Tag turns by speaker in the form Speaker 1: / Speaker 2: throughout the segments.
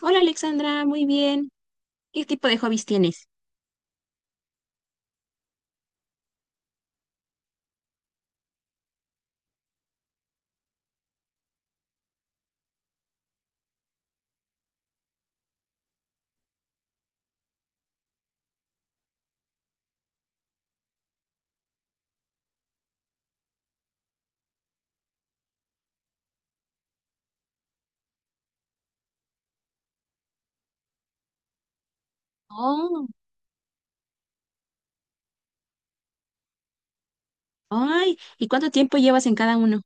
Speaker 1: Hola Alexandra, muy bien. ¿Qué tipo de hobbies tienes? Oh, ay, ¿y cuánto tiempo llevas en cada uno?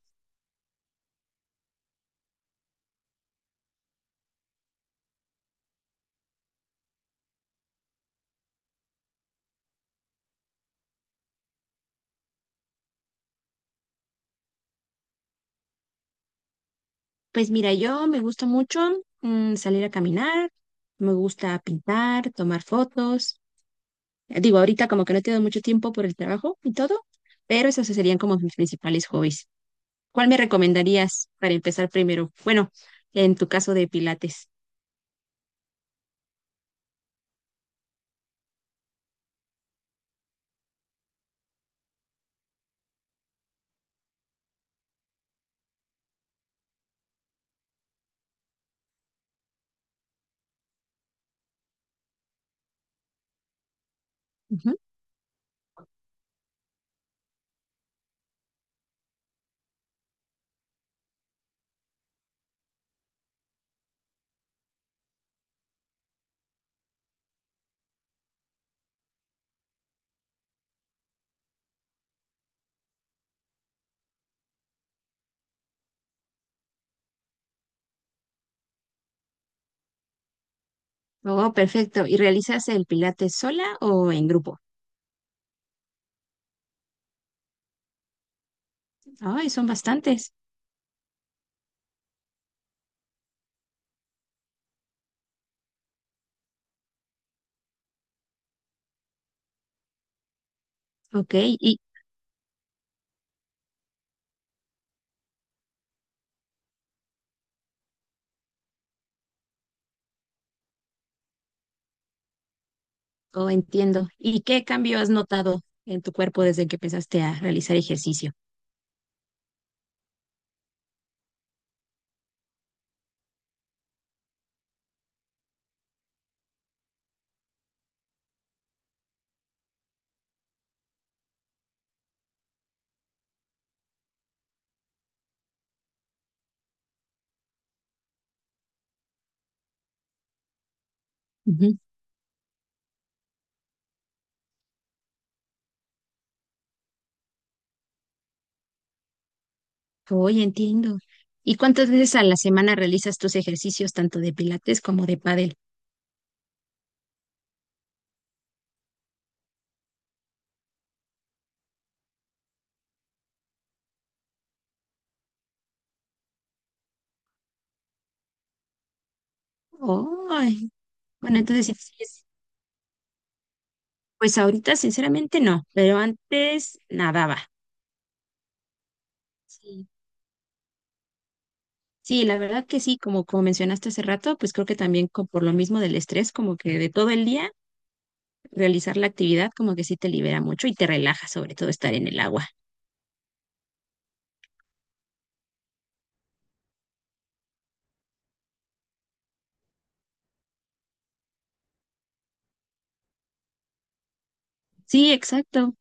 Speaker 1: Pues mira, yo me gusta mucho salir a caminar, me gusta pintar, tomar fotos. Digo, ahorita como que no tengo mucho tiempo por el trabajo y todo, pero esos serían como mis principales hobbies. ¿Cuál me recomendarías para empezar primero? Bueno, en tu caso de pilates. Ujú. Oh, perfecto. ¿Y realizas el pilates sola o en grupo? Ay, son bastantes. Ok. Oh, entiendo. ¿Y qué cambio has notado en tu cuerpo desde que empezaste a realizar ejercicio? Ujú. Oye, entiendo. ¿Y cuántas veces a la semana realizas tus ejercicios tanto de pilates como de pádel? Oh, bueno, entonces sí, pues ahorita sinceramente no, pero antes nadaba. Sí. Sí, la verdad que sí, como, como mencionaste hace rato, pues creo que también por lo mismo del estrés, como que de todo el día, realizar la actividad como que sí te libera mucho y te relaja, sobre todo estar en el agua. Sí, exacto.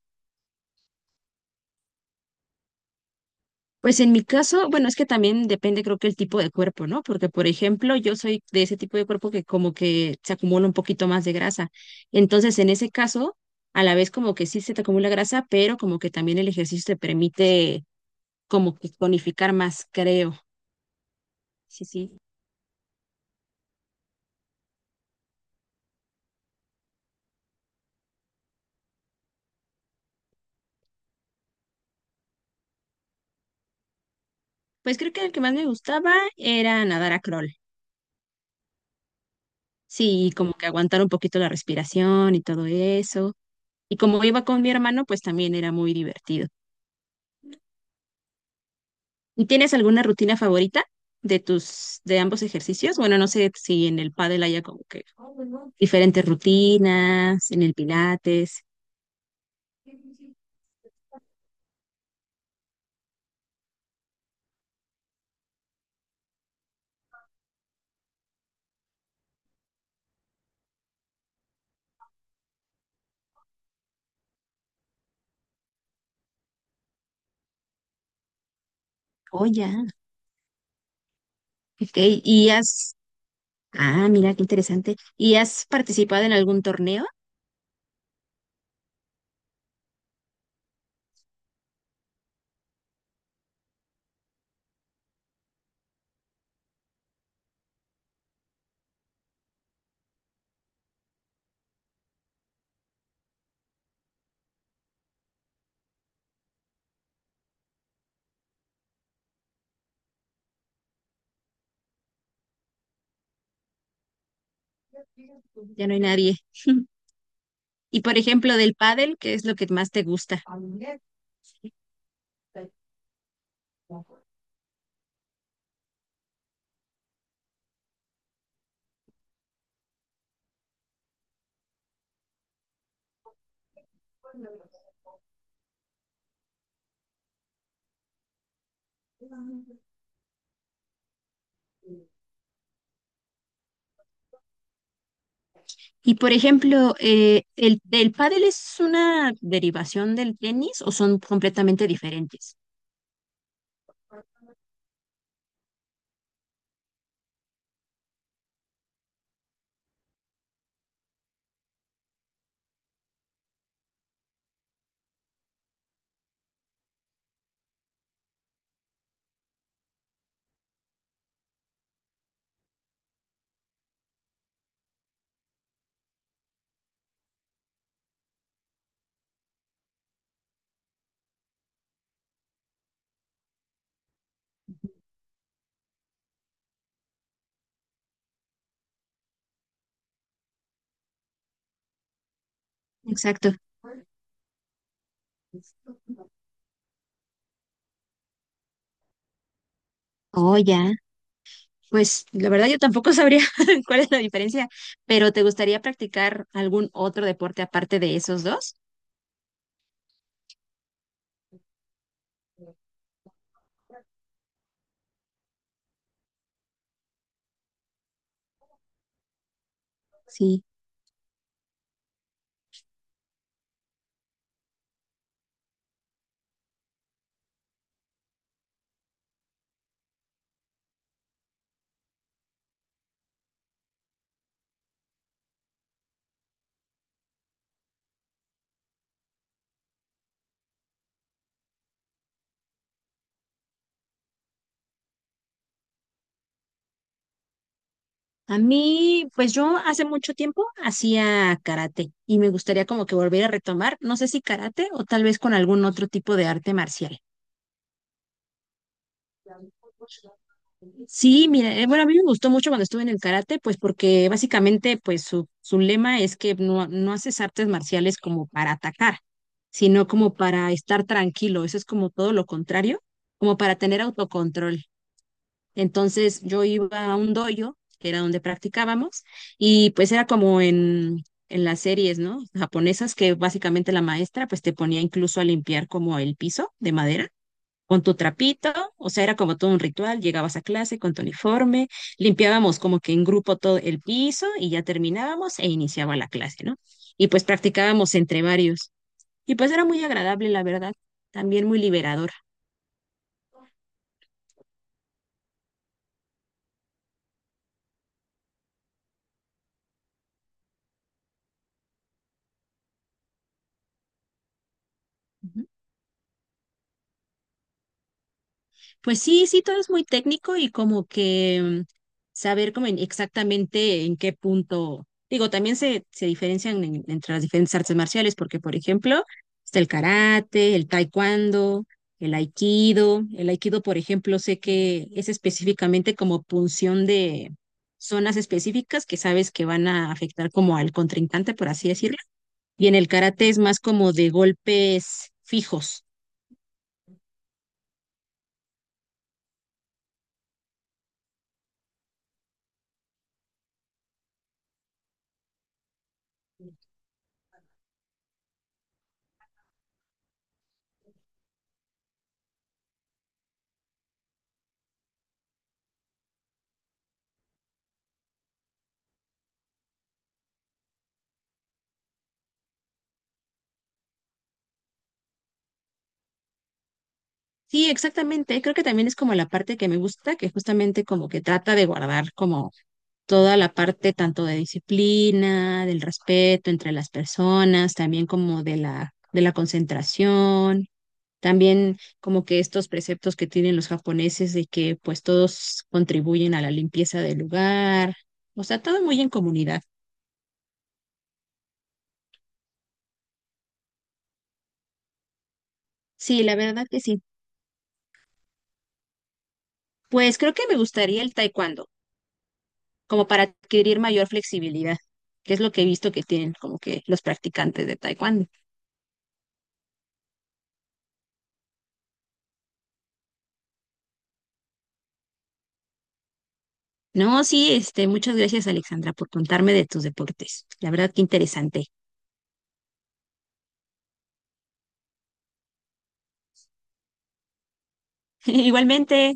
Speaker 1: Pues en mi caso, bueno, es que también depende creo que el tipo de cuerpo, ¿no? Porque, por ejemplo, yo soy de ese tipo de cuerpo que como que se acumula un poquito más de grasa. Entonces, en ese caso, a la vez como que sí se te acumula grasa, pero como que también el ejercicio te permite como que tonificar más, creo. Sí, sí. Pues creo que el que más me gustaba era nadar a crawl. Sí, como que aguantar un poquito la respiración y todo eso. Y como iba con mi hermano, pues también era muy divertido. ¿Y tienes alguna rutina favorita de ambos ejercicios? Bueno, no sé si en el pádel haya como que diferentes rutinas, en el pilates. Oh, ya. Ok. ¿Y has, mira, qué interesante. ¿Y has participado en algún torneo? Ya no hay nadie. Y por ejemplo, del pádel, ¿qué es lo que más te gusta? Y por ejemplo, el pádel es una derivación del tenis o son completamente diferentes? Exacto. Oh, ya. Pues la verdad yo tampoco sabría cuál es la diferencia, pero ¿te gustaría practicar algún otro deporte aparte de esos dos? Sí. A mí, pues yo hace mucho tiempo hacía karate y me gustaría como que volver a retomar, no sé si karate o tal vez con algún otro tipo de arte marcial. Sí, mira, bueno, a mí me gustó mucho cuando estuve en el karate, pues porque básicamente pues su lema es que no, no haces artes marciales como para atacar, sino como para estar tranquilo, eso es como todo lo contrario, como para tener autocontrol. Entonces yo iba a un dojo, que era donde practicábamos, y pues era como en las series, ¿no? Japonesas, que básicamente la maestra pues te ponía incluso a limpiar como el piso de madera con tu trapito, o sea, era como todo un ritual, llegabas a clase con tu uniforme, limpiábamos como que en grupo todo el piso y ya terminábamos e iniciaba la clase, ¿no? Y pues practicábamos entre varios. Y pues era muy agradable, la verdad, también muy liberador. Ujú. Pues sí, sí, todo es muy técnico y como que saber como exactamente en qué punto. Digo, también se diferencian entre las diferentes artes marciales, porque por ejemplo, está el karate, el taekwondo, el aikido. El aikido, por ejemplo, sé que es específicamente como punción de zonas específicas que sabes que van a afectar como al contrincante, por así decirlo. Y en el karate es más como de golpes fijos. Sí, exactamente. Creo que también es como la parte que me gusta, que justamente como que trata de guardar como toda la parte tanto de disciplina, del respeto entre las personas, también como de la concentración, también como que estos preceptos que tienen los japoneses de que pues todos contribuyen a la limpieza del lugar, o sea, todo muy en comunidad. Sí, la verdad que sí. Pues creo que me gustaría el taekwondo, como para adquirir mayor flexibilidad, que es lo que he visto que tienen como que los practicantes de taekwondo. No, sí, este, muchas gracias, Alexandra, por contarme de tus deportes. La verdad, que interesante. Igualmente,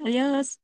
Speaker 1: adiós.